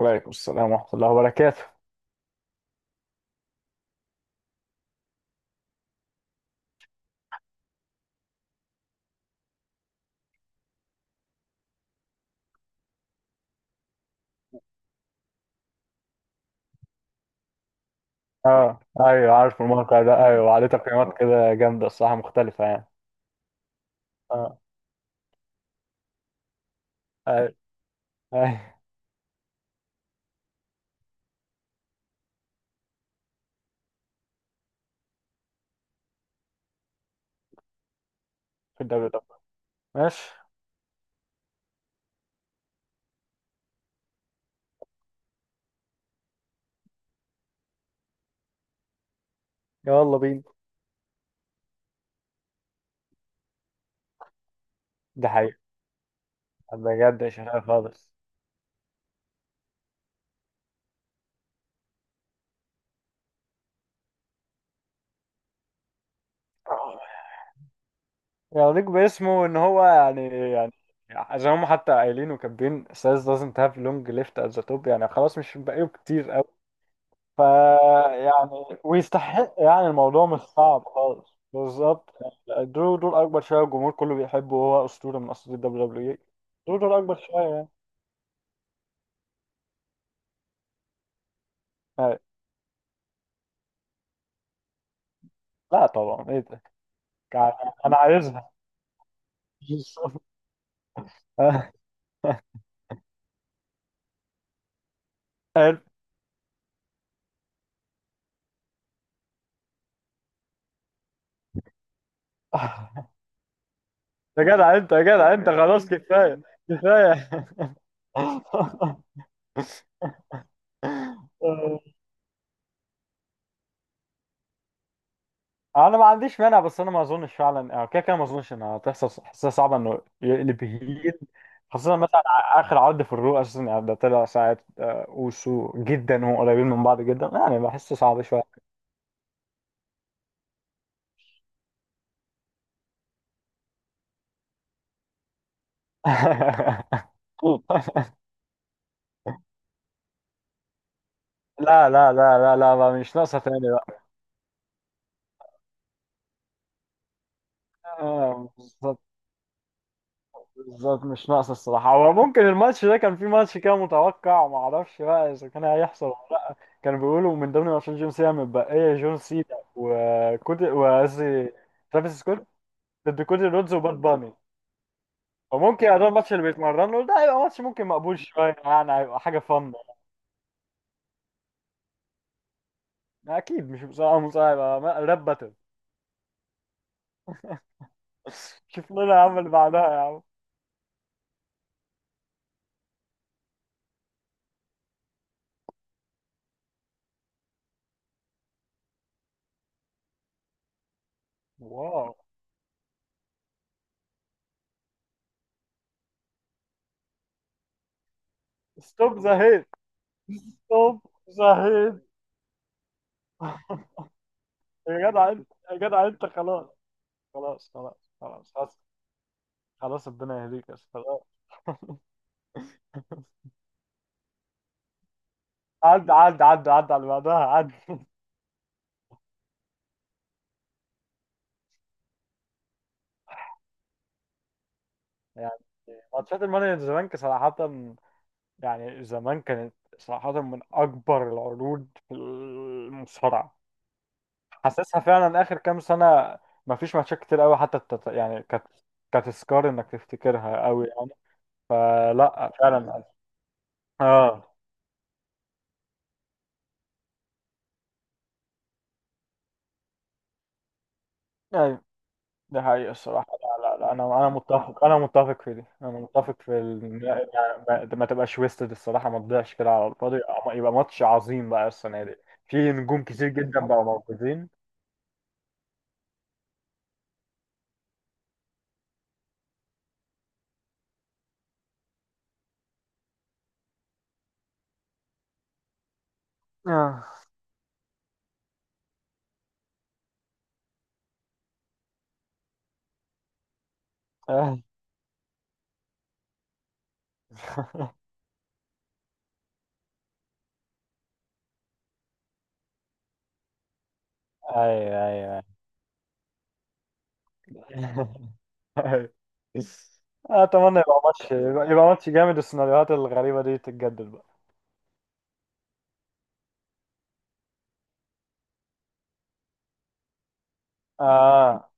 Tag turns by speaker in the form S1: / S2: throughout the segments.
S1: وعليكم السلام ورحمة الله وبركاته. اه ايوه عارف الموقع ده، ايوه عليه تقييمات كده جامدة الصراحة، مختلفة يعني. اه ايوه. ايوه. في الدوري ده، ماشي. يلا بينا. ده حقيقة، بجد مش هلاقي خالص. يعنيك باسمه ان هو يعني زي ما هم حتى قايلين وكاتبين سايز doesn't have long left at the top، يعني خلاص مش بقاله كتير. فيعني ويستحق، يعني الموضوع مش صعب خالص، بالظبط. درو دول اكبر شويه، والجمهور كله بيحبه، وهو اسطوره من اساطير الدبليو دبليو اي. درو دول اكبر شويه يعني. أي. لا طبعا، ايه ده؟ يعني انا عايزها. أه. حلو. يا جدع انت، يا جدع انت، خلاص كفايه، كفايه. انا ما عنديش مانع، بس انا ما اظنش فعلا. كده كده ما اظنش انها هتحصل، حاسسها صعبه انه يقلب هيل. خاصه مثلا اخر عرض في الرو اساسا، يعني ده طلع ساعه اوسو جدا، وهم قريبين من بعض جدا، يعني بحسه صعب شويه. لا، لا بقى مش ناقصه تاني بقى. آه، بالظبط مش ناقص الصراحة. هو ممكن الماتش ده كان في ماتش كده متوقع، ما اعرفش بقى اذا كان هيحصل ولا لا. كانوا بيقولوا من ضمن ماتشات جون سينا متبقية جون سينا، وقصدي ترافيس سكوت ضد كودي رودز وباد باني. فممكن يبقى ده الماتش اللي بيتمرنوا له، ده هيبقى ماتش ممكن مقبول شوية، يعني هيبقى حاجة فن. اكيد مش مساعة مساعة، هيبقى راب باتل. شوف لنا يا عم اللي بعدها يا عم. واو. ستوب ذا هيت. ستوب ذا هيت. يا جدع انت، يا جدع انت خلاص. خلاص خلاص. خلاص، خلاص خلاص ربنا يهديك بس، خلاص. عد عد عد عد على اللي بعدها عد. يعني ماتشات المانيا زمان صراحة، يعني زمان كانت صراحة من أكبر العروض في المصارعة. حاسسها فعلا آخر كام سنة مفيش ماتشات كتير أوي حتى يعني كانت، كانت تذكار إنك تفتكرها أوي يعني. آه لا فعلا. اه أيوة. دي حقيقة الصراحة. لا، أنا متفق، أنا متفق في دي، أنا متفق في يعني ما, ما تبقاش ويستد الصراحة، ما تضيعش كده على الفاضي، يبقى يبقى ماتش عظيم بقى السنة دي. في نجوم كتير جدا بقوا موجودين. اه. آه. أيوه أيوه أيوه. أتمنى يبقى ماتش، يبقى يبقى ماتش جامد، السيناريوهات الغريبة دي تتجدد بقى. آه.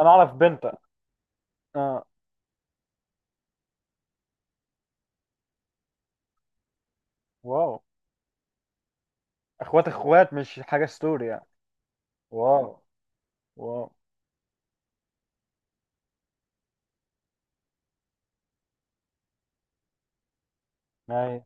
S1: أنا أعرف بنتك. آه. واو. إخوات إخوات، مش حاجة ستوري يعني. واو. واو. أيوه.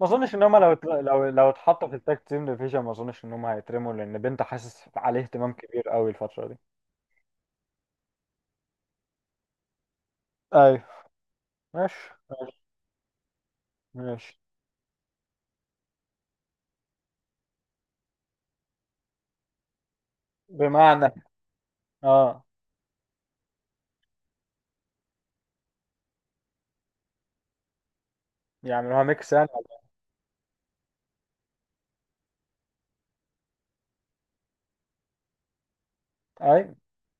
S1: ما اظنش ان هم لو لو اتحطوا في التاج تيم ديفيجن، ما اظنش ان هم هيترموا، لان بنت حاسس عليه اهتمام كبير قوي الفتره دي. ايوه. ماشي ماشي ماشي. بمعنى؟ اه. يعملوها ميكس يعني. اي.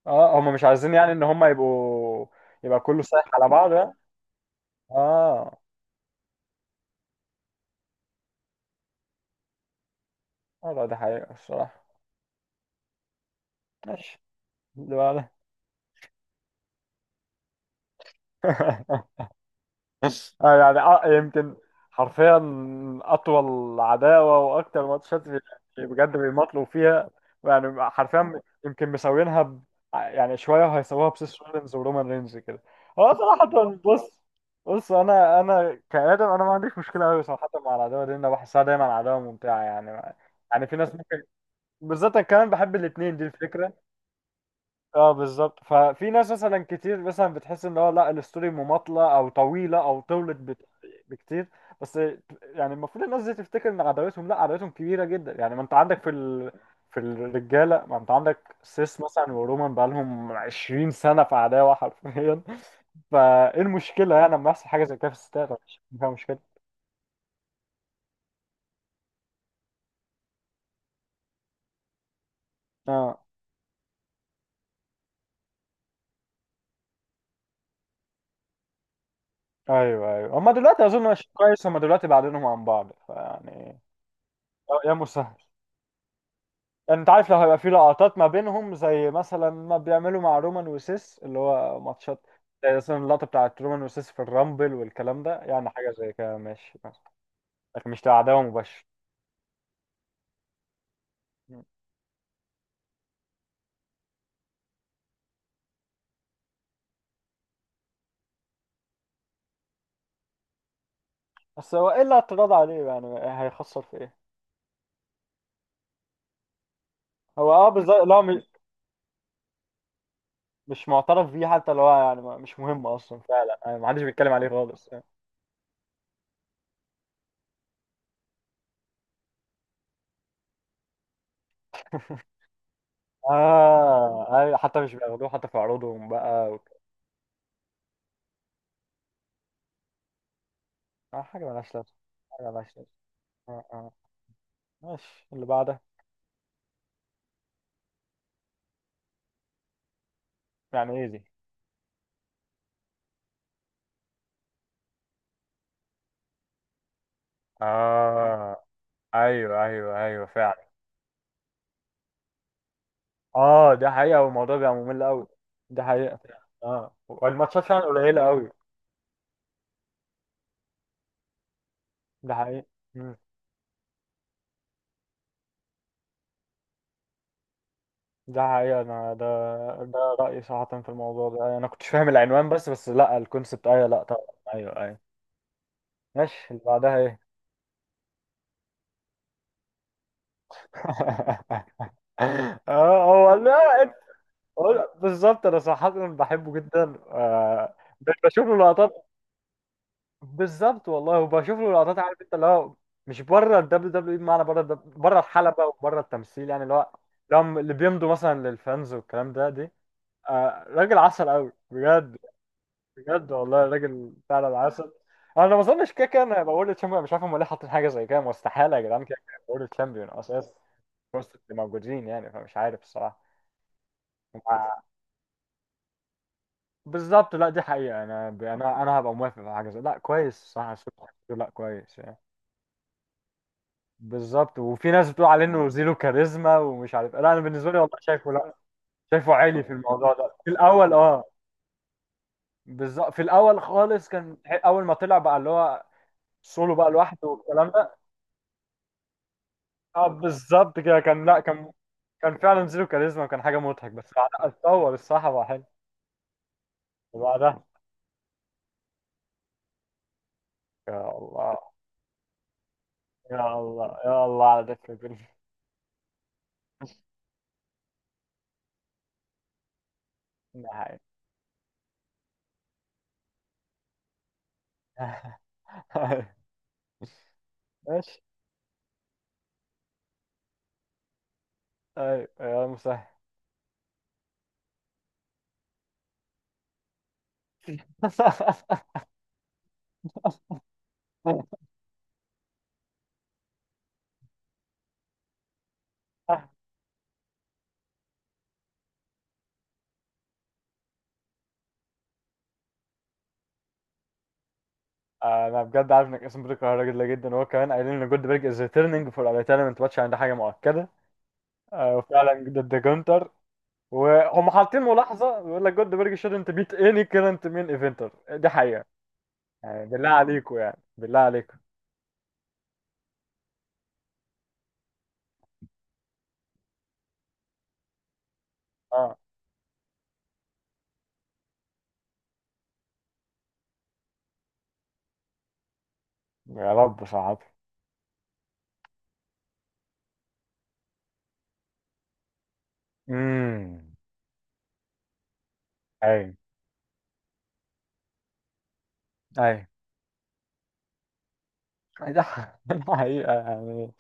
S1: اه، هم مش عايزين يعني ان هم يبقوا. يبقى كله سايح على بعضه يعني. اه. اه لا دي حقيقه الصراحه. ماشي. اللي بعدها. آه. يعني آه، يمكن حرفيا اطول عداوه واكتر ماتشات، يعني بجد بيماطلوا فيها. يعني حرفيا يمكن مسوينها يعني شويه وهيسووها بسيس رولينز ورومان رينز كده. هو صراحه، بص، بص انا كادم، انا ما عنديش مشكله قوي صراحه مع العداوه دي، انا بحسها دايما عداوه ممتعه يعني. يعني في ناس ممكن، بالذات انا كمان بحب الاثنين دي الفكره. اه بالظبط، ففي ناس مثلا كتير مثلا بتحس ان هو لا الستوري مماطله او طويله او طولت بكتير. بس يعني المفروض الناس دي تفتكر ان عداوتهم، لا عداوتهم كبيره جدا يعني. ما انت عندك في في الرجاله، ما انت عندك سيس مثلا ورومان بقالهم 20 سنه في عداوه حرفيا. فايه المشكله يعني لما يحصل حاجه زي كده في الستات، مفيش فيها مشكله. اه. ايوه ايوه، هما دلوقتي اظن مش كويس، هما دلوقتي بعدينهم عن بعض فيعني. يا مسهل. يعني انت عارف لو هيبقى في لقطات ما بينهم زي مثلا ما بيعملوا مع رومان وسيس، اللي هو ماتشات زي مثلا اللقطة بتاعت رومان وسيس في الرامبل والكلام ده، يعني حاجة زي كده ماشي ماشي. لكن مش عداوة مباشرة. مم. بس هو ايه اللي اعتراض عليه يعني؟ هيخسر في ايه؟ هو اه بالظبط. لا م- مش معترف بيه حتى. لو هو يعني مش مهم اصلا فعلا، يعني ما حدش بيتكلم عليه خالص. اه أيوة، حتى مش بياخدوه حتى في عروضهم بقى آه، حاجة ملهاش لازمة. حاجة ملهاش لازمة. آه آه. ماشي، اللي بعده. يعني ايه دي؟ اه ايوه ايوه ايوه فعلا. اه، ده حقيقة، والموضوع بيبقى ممل قوي. ده حقيقة فعلا. اه والماتشات فعلا قليلة قوي. ده حقيقة. مم. ده حقيقة. انا ده ده رأيي صراحة في الموضوع ده. انا كنتش فاهم العنوان بس، بس لا الكونسبت ايوه، لا طبعا. ايوه ايوه. ماشي، اللي بعدها ايه؟ اه هو لا، هو بالظبط انا صراحة بحبه جدا. آه. بشوف له لقطات. بالظبط والله، وبشوف له لقطات. عارف انت اللي هو مش بره الدبليو دبليو اي، بمعنى بره بره الحلبه وبره التمثيل يعني، اللي هو اللي بيمضوا مثلا للفانز والكلام ده دي. آه راجل عسل قوي بجد. بجد والله، راجل فعلا عسل. انا ما اظنش كده كده، انا بقول تشامبيون. مش عارف هم ليه حاطين حاجه زي كده، مستحيل يا جدعان. كده كده بقول تشامبيون اساس، وسط اللي موجودين يعني، فمش عارف الصراحه. مع- بالظبط، لا دي حقيقه. انا ب- انا انا هبقى موافق على حاجه زي لا كويس، صح. لا كويس يعني. بالظبط. وفي ناس بتقول عليه انه زيرو كاريزما، ومش عارف إيه. لا انا بالنسبه لي والله شايفه. لا شايفه عالي في الموضوع ده في الاول اه. بالظبط، في الاول خالص كان اول ما طلع بقى، اللي هو سولو بقى لوحده والكلام ده. اه بالظبط كده، كان لا كان، كان فعلا زيرو كاريزما وكان حاجه مضحك، بس بعدها اتطور الصراحه بقى حلو. وبعدها يا الله، يا الله، يا الله على ده الفيلم. ده حقيقي. ماشي. ايوه يا مسهل. انا بجد عارف انك اسم بتكرهها جدا جدا. وهو كمان قايلين ان جولدبرج از ريتيرنينج فور ريتايرمنت ماتش، عند حاجه مؤكده. وفعلا ضد جونتر. وهم حاطين ملاحظه بيقول لك جولدبرج شouldn't beat any current main eventer، دي حقيقه. يعني بالله عليكم، يعني بالله عليكم. اه يا رب. صعب. امم. اي اي. ده ده حقيقه يعني.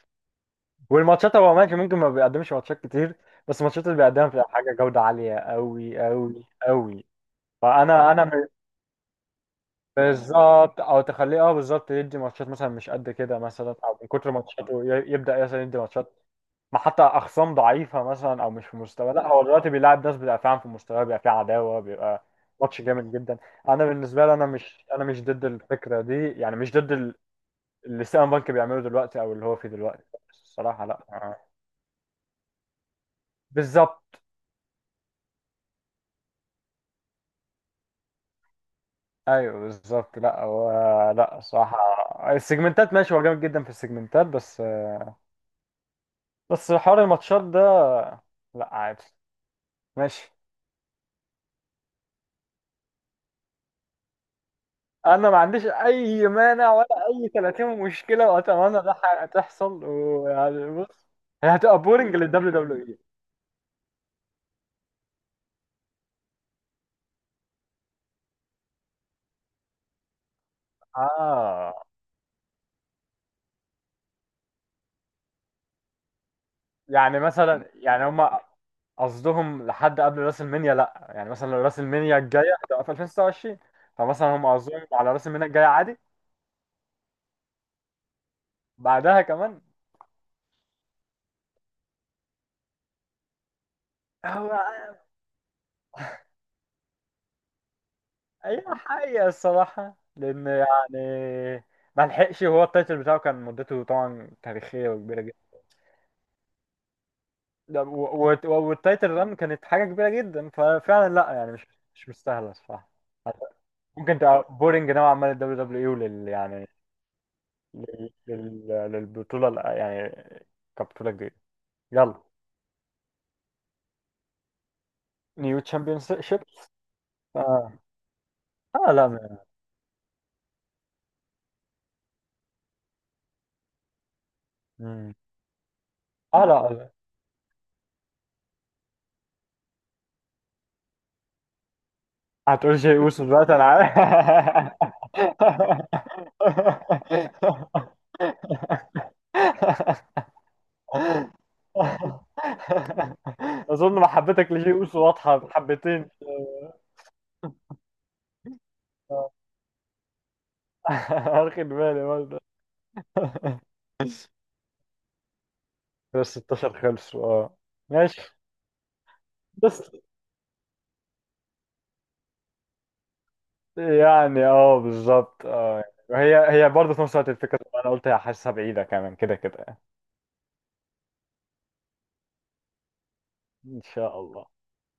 S1: والماتشات هو ماشي، ممكن ما بيقدمش ماتشات كتير، بس الماتشات اللي بيقدمها بتبقى حاجه جوده عاليه قوي قوي قوي. فانا بالظبط. او تخليه اه بالظبط يدي ماتشات مثلا مش قد كده مثلا، او من كتر ماتشاته يبدا مثلا يدي ماتشات ما حتى اخصام ضعيفه مثلا، او مش في مستوى. لا هو دلوقتي بيلاعب ناس بيبقى فعلا في مستوى، بيبقى فيه عداوه، بيبقى ماتش جامد جدا. انا بالنسبه لي انا مش انا مش ضد الفكره دي، يعني مش ضد اللي سيلان بانك بيعمله دلوقتي، او اللي هو فيه دلوقتي. بس الصراحه لا بالظبط. ايوه بالظبط، لا هو، لا الصراحه السيجمنتات ماشي، هو جامد جدا في السيجمنتات. بس بس حوار الماتشات ده، لا عادي. ماشي. انا ما عنديش اي مانع ولا اي 30 مشكله، واتمنى ده تحصل ويعني بص. هي هتبقى بورنج للدبليو دبليو اي. اه يعني مثلا، يعني هما قصدهم لحد قبل راس المنيا. لا يعني مثلا لو راس المنيا الجايه هتبقى في 2026، فمثلا هم قصدهم على راس المنيا الجايه عادي. بعدها كمان. هو، هي حقيقة الصراحة لأن يعني ما لحقش، وهو التايتل بتاعه كان مدته طبعا تاريخية وكبيرة جدا. والتايتل ران كانت حاجة كبيرة جدا، ففعلا لا يعني مش مش مستاهلة الصراحة. ممكن تبقى بورينج نوعا ما للدبليو دبليو اي، ولل يعني للبطولة يعني كبطولة جديدة. يلا. نيو تشامبيون شيب. اه اه لا مم. اه لا آه، هتقول شيء يوسف دلوقتي انا عارف. اظن محبتك لشيء يوسف واضحه حبتين. واخد بالي برضه. بس 16 خلصوا اه. ماشي. بس يعني اه بالظبط اه. وهي هي برضه في نفس الوقت الفكره، انا قلت هحسها بعيده كمان كده كده يعني. ان شاء الله.